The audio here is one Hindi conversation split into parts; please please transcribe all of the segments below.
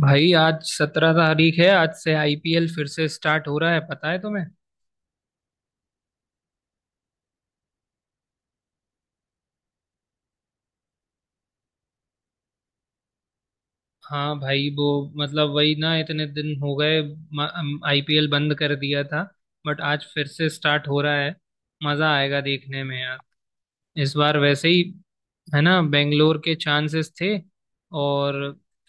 भाई, आज 17 तारीख है। आज से आईपीएल फिर से स्टार्ट हो रहा है, पता है तुम्हें? हाँ भाई। वो मतलब वही ना, इतने दिन हो गए, आईपीएल बंद कर दिया था, बट आज फिर से स्टार्ट हो रहा है। मजा आएगा देखने में यार। इस बार वैसे ही है ना, बेंगलोर के चांसेस थे और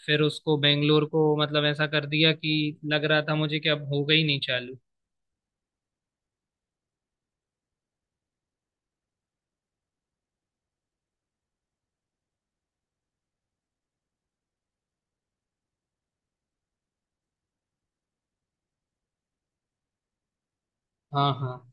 फिर उसको बेंगलोर को मतलब ऐसा कर दिया कि लग रहा था मुझे कि अब होगा ही नहीं चालू। हाँ हाँ।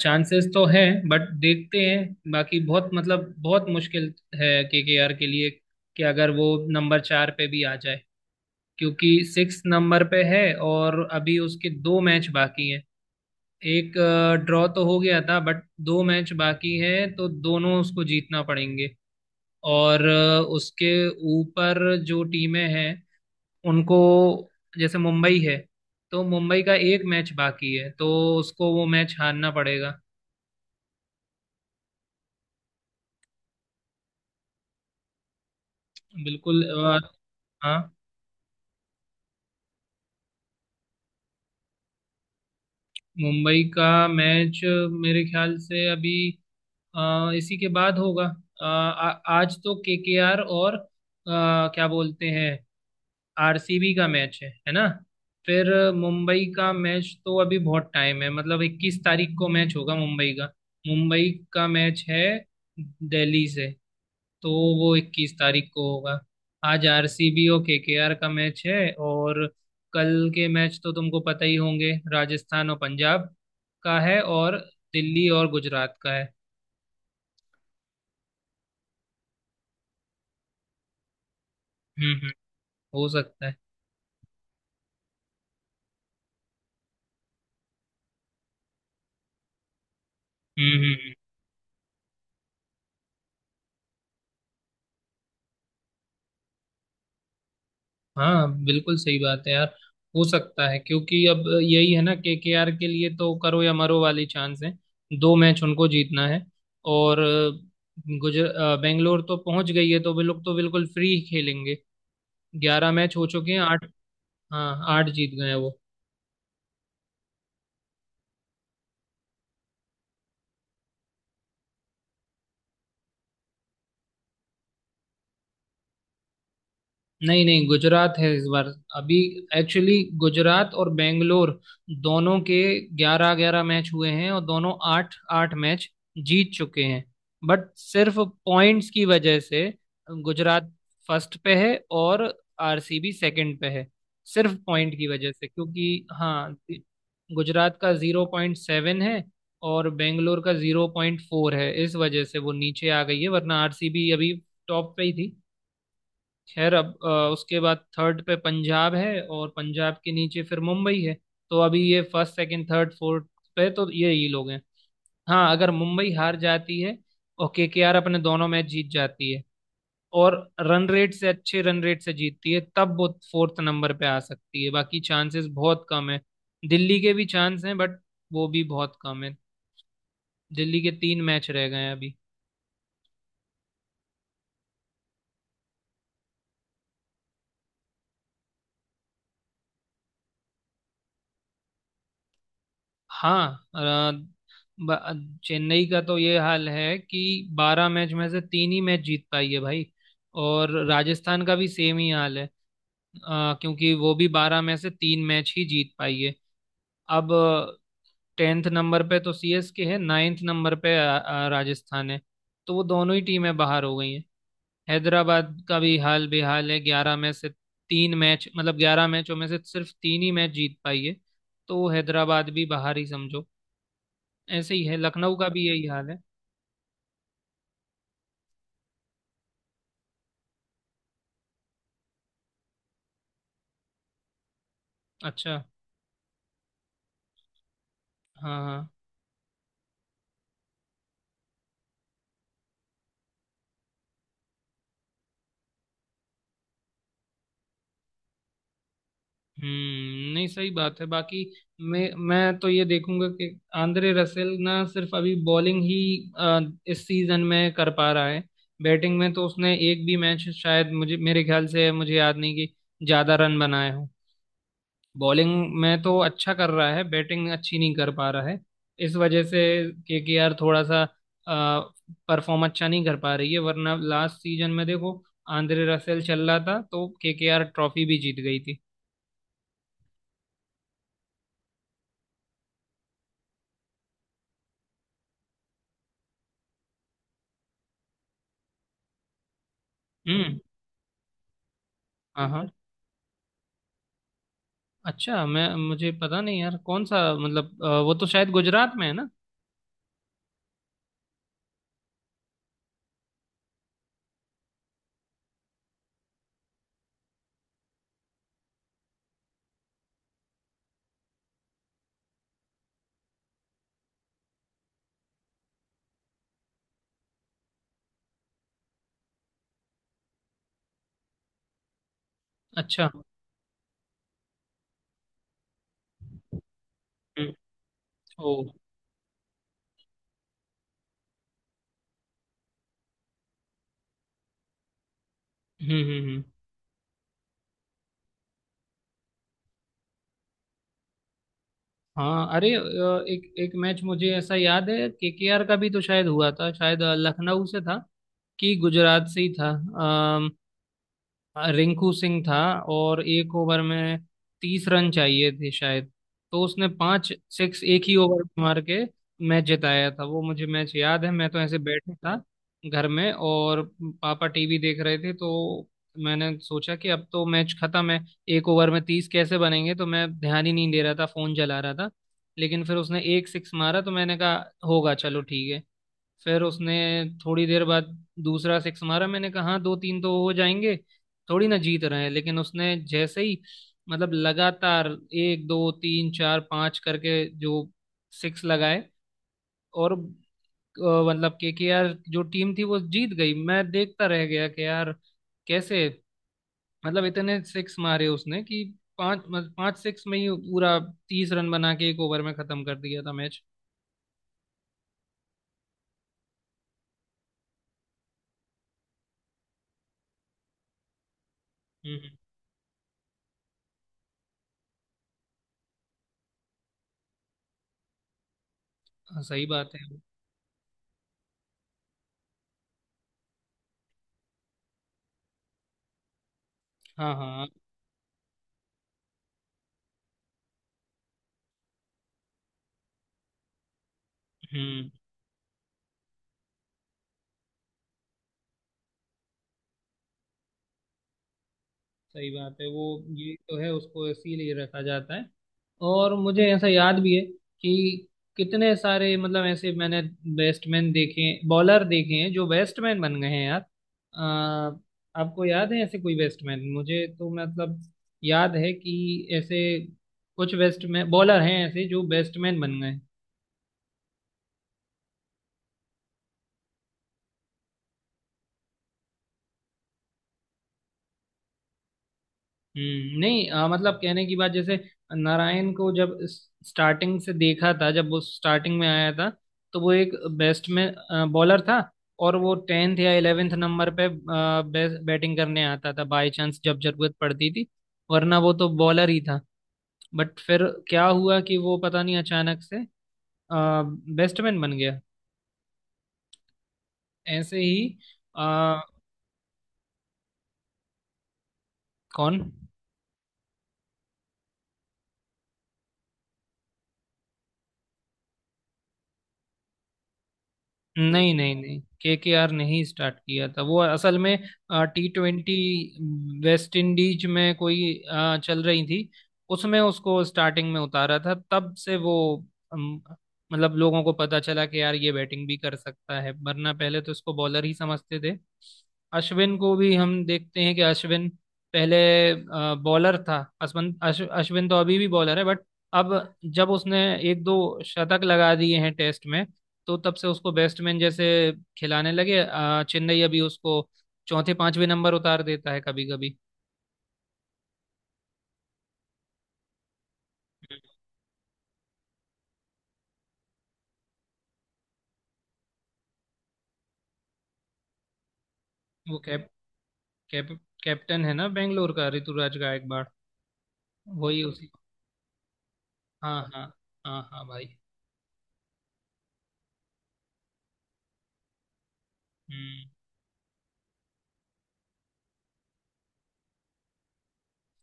चांसेस तो हैं बट देखते हैं, बाकी बहुत मतलब बहुत मुश्किल है केकेआर के आर के लिए कि अगर वो नंबर 4 पे भी आ जाए, क्योंकि 6 नंबर पे है और अभी उसके दो मैच बाकी हैं। एक ड्रॉ तो हो गया था बट दो मैच बाकी हैं, तो दोनों उसको जीतना पड़ेंगे। और उसके ऊपर जो टीमें हैं उनको, जैसे मुंबई है, तो मुंबई का एक मैच बाकी है, तो उसको वो मैच हारना पड़ेगा। बिल्कुल। और हाँ। मुंबई का मैच मेरे ख्याल से अभी इसी के बाद होगा। अ, आ, आज तो केकेआर और क्या बोलते हैं, आरसीबी का मैच है ना। फिर मुंबई का मैच तो अभी बहुत टाइम है, मतलब 21 तारीख को मैच होगा मुंबई का। मुंबई का मैच है दिल्ली से, तो वो 21 तारीख को होगा। आज आरसीबी और केकेआर का मैच है, और कल के मैच तो तुमको पता ही होंगे, राजस्थान और पंजाब का है और दिल्ली और गुजरात का है। हम्म। हो सकता है। हम्म हम्म हम्म। हाँ बिल्कुल सही बात है यार। हो सकता है, क्योंकि अब यही है ना, केकेआर के लिए तो करो या मरो वाली चांस है। दो मैच उनको जीतना है। और बेंगलोर तो पहुंच गई है, तो वे लोग तो बिल्कुल फ्री खेलेंगे। 11 मैच हो चुके हैं, आठ। हाँ, आठ जीत गए हैं वो। नहीं नहीं, गुजरात है इस बार अभी। एक्चुअली गुजरात और बेंगलोर दोनों के ग्यारह ग्यारह मैच हुए हैं और दोनों आठ आठ मैच जीत चुके हैं, बट सिर्फ पॉइंट्स की वजह से गुजरात फर्स्ट पे है और आरसीबी सेकंड पे है, सिर्फ पॉइंट की वजह से। क्योंकि हाँ, गुजरात का 0.7 है और बेंगलोर का 0.4 है, इस वजह से वो नीचे आ गई है, वरना आरसीबी अभी टॉप पे ही थी। खैर, अब उसके बाद थर्ड पे पंजाब है और पंजाब के नीचे फिर मुंबई है, तो अभी ये फर्स्ट सेकंड थर्ड फोर्थ पे तो ये ही लोग हैं। हाँ, अगर मुंबई हार जाती है और केकेआर अपने दोनों मैच जीत जाती है और रन रेट से, अच्छे रन रेट से जीतती है, तब वो फोर्थ नंबर पे आ सकती है। बाकी चांसेस बहुत कम है। दिल्ली के भी चांस हैं, बट वो भी बहुत कम है। दिल्ली के तीन मैच रह गए हैं अभी। हाँ। अ, चेन्नई का तो ये हाल है कि 12 मैच में से तीन ही मैच जीत पाई है भाई। और राजस्थान का भी सेम ही हाल है, क्योंकि वो भी बारह में से तीन मैच ही जीत पाई है। अब टेंथ नंबर पे तो सीएसके है, नाइन्थ नंबर पे राजस्थान है, तो वो दोनों ही टीमें बाहर हो गई हैं। हैदराबाद का भी हाल बेहाल है, ग्यारह में से तीन मैच, मतलब ग्यारह मैचों में से सिर्फ तीन ही मैच जीत पाई है, तो हैदराबाद भी बाहर ही समझो। ऐसे ही है, लखनऊ का भी यही हाल है। अच्छा। हाँ हाँ। हम्म, नहीं सही बात है। बाकी मैं तो ये देखूंगा कि आंद्रे रसेल ना सिर्फ अभी बॉलिंग ही अ, इस सीजन में कर पा रहा है। बैटिंग में तो उसने एक भी मैच, शायद मुझे, मेरे ख्याल से मुझे याद नहीं कि ज्यादा रन बनाए हो। बॉलिंग में तो अच्छा कर रहा है, बैटिंग अच्छी नहीं कर पा रहा है, इस वजह से केकेआर थोड़ा सा परफॉर्म अच्छा नहीं कर पा रही है, वरना लास्ट सीजन में देखो, आंद्रे रसेल चल रहा था तो केकेआर ट्रॉफी भी जीत गई थी। हम्म। हाँ हाँ। अच्छा, मैं, मुझे पता नहीं यार कौन सा, मतलब वो तो शायद गुजरात में है ना। अच्छा। हम्म। ओ। हम्म। हाँ अरे, एक एक मैच मुझे ऐसा याद है, केकेआर का भी तो शायद हुआ था, शायद लखनऊ से था कि गुजरात से ही था। रिंकू सिंह था और एक ओवर में 30 रन चाहिए थे शायद, तो उसने पांच सिक्स एक ही ओवर में मार के मैच जिताया था। वो मुझे मैच याद है, मैं तो ऐसे बैठा था घर में और पापा टीवी देख रहे थे, तो मैंने सोचा कि अब तो मैच खत्म है, एक ओवर में तीस कैसे बनेंगे, तो मैं ध्यान ही नहीं दे रहा था, फोन चला रहा था। लेकिन फिर उसने एक सिक्स मारा तो मैंने कहा, होगा, चलो ठीक है। फिर उसने थोड़ी देर बाद दूसरा सिक्स मारा, मैंने कहा हाँ, दो तीन तो हो जाएंगे, थोड़ी ना जीत रहे हैं। लेकिन उसने जैसे ही, मतलब लगातार एक दो तीन चार पांच करके जो सिक्स लगाए, और मतलब के आर जो टीम थी वो जीत गई। मैं देखता रह गया कि यार कैसे, मतलब इतने सिक्स मारे उसने कि पांच, मतलब पांच सिक्स में ही पूरा 30 रन बना के एक ओवर में खत्म कर दिया था मैच। हम्म। हाँ, सही बात है। हाँ हाँ। हम्म, सही बात है वो। ये तो है, उसको इसीलिए रखा जाता है। और मुझे ऐसा याद भी है कि कितने सारे, मतलब ऐसे मैंने बैट्समैन देखे, बॉलर देखे हैं जो बैट्समैन बन गए हैं यार। अ, आपको याद है ऐसे कोई बैट्समैन? मुझे तो मतलब याद है कि ऐसे कुछ बैट्समैन बॉलर हैं ऐसे जो बैट्समैन बन गए। हम्म, नहीं मतलब कहने की बात, जैसे नारायण को जब स्टार्टिंग से देखा था, जब वो स्टार्टिंग में आया था, तो वो एक बेस्ट में बॉलर था और वो टेंथ या इलेवेंथ नंबर पे बेस्ट बैटिंग करने आता था बाय चांस, जब जरूरत पड़ती थी, वरना वो तो बॉलर ही था। बट फिर क्या हुआ कि वो पता नहीं अचानक से बेस्टमैन बन गया। ऐसे ही अ, कौन। नहीं नहीं नहीं, केकेआर नहीं स्टार्ट किया था वो असल में। T20 वेस्ट इंडीज में कोई चल रही थी, उसमें उसको स्टार्टिंग में उतारा था, तब से वो अम, मतलब लोगों को पता चला कि यार ये बैटिंग भी कर सकता है, वरना पहले तो इसको बॉलर ही समझते थे। अश्विन को भी हम देखते हैं कि अश्विन पहले बॉलर था। अश्विन तो अभी भी बॉलर है, बट अब जब उसने एक दो शतक लगा दिए हैं टेस्ट में, तो तब से उसको बैट्समैन जैसे खिलाने लगे चेन्नई। अभी उसको चौथे पांचवें नंबर उतार देता है कभी कभी। वो कैप कैप कैप्टन है ना बेंगलोर का, ऋतुराज गायकवाड़। वही, उसी। हाँ हाँ। हाँ हाँ भाई। हम्म।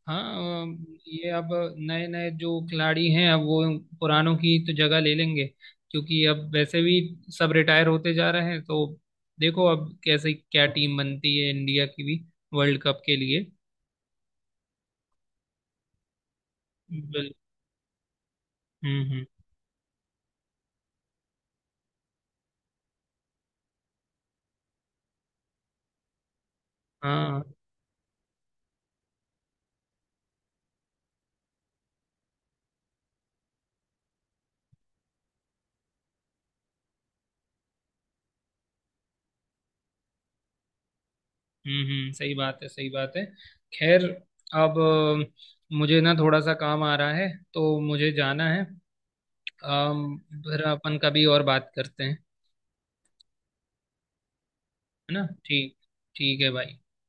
हाँ ये अब नए नए जो खिलाड़ी हैं, अब वो पुरानों की तो जगह ले लेंगे, क्योंकि अब वैसे भी सब रिटायर होते जा रहे हैं। तो देखो अब कैसे, क्या टीम बनती है इंडिया की भी वर्ल्ड कप के लिए। बिल- हम्म। हाँ। सही बात है, सही बात है। खैर, अब मुझे ना थोड़ा सा काम आ रहा है, तो मुझे जाना है। अम, फिर अपन कभी और बात करते हैं। है ना, ठीक? ठीक है भाई।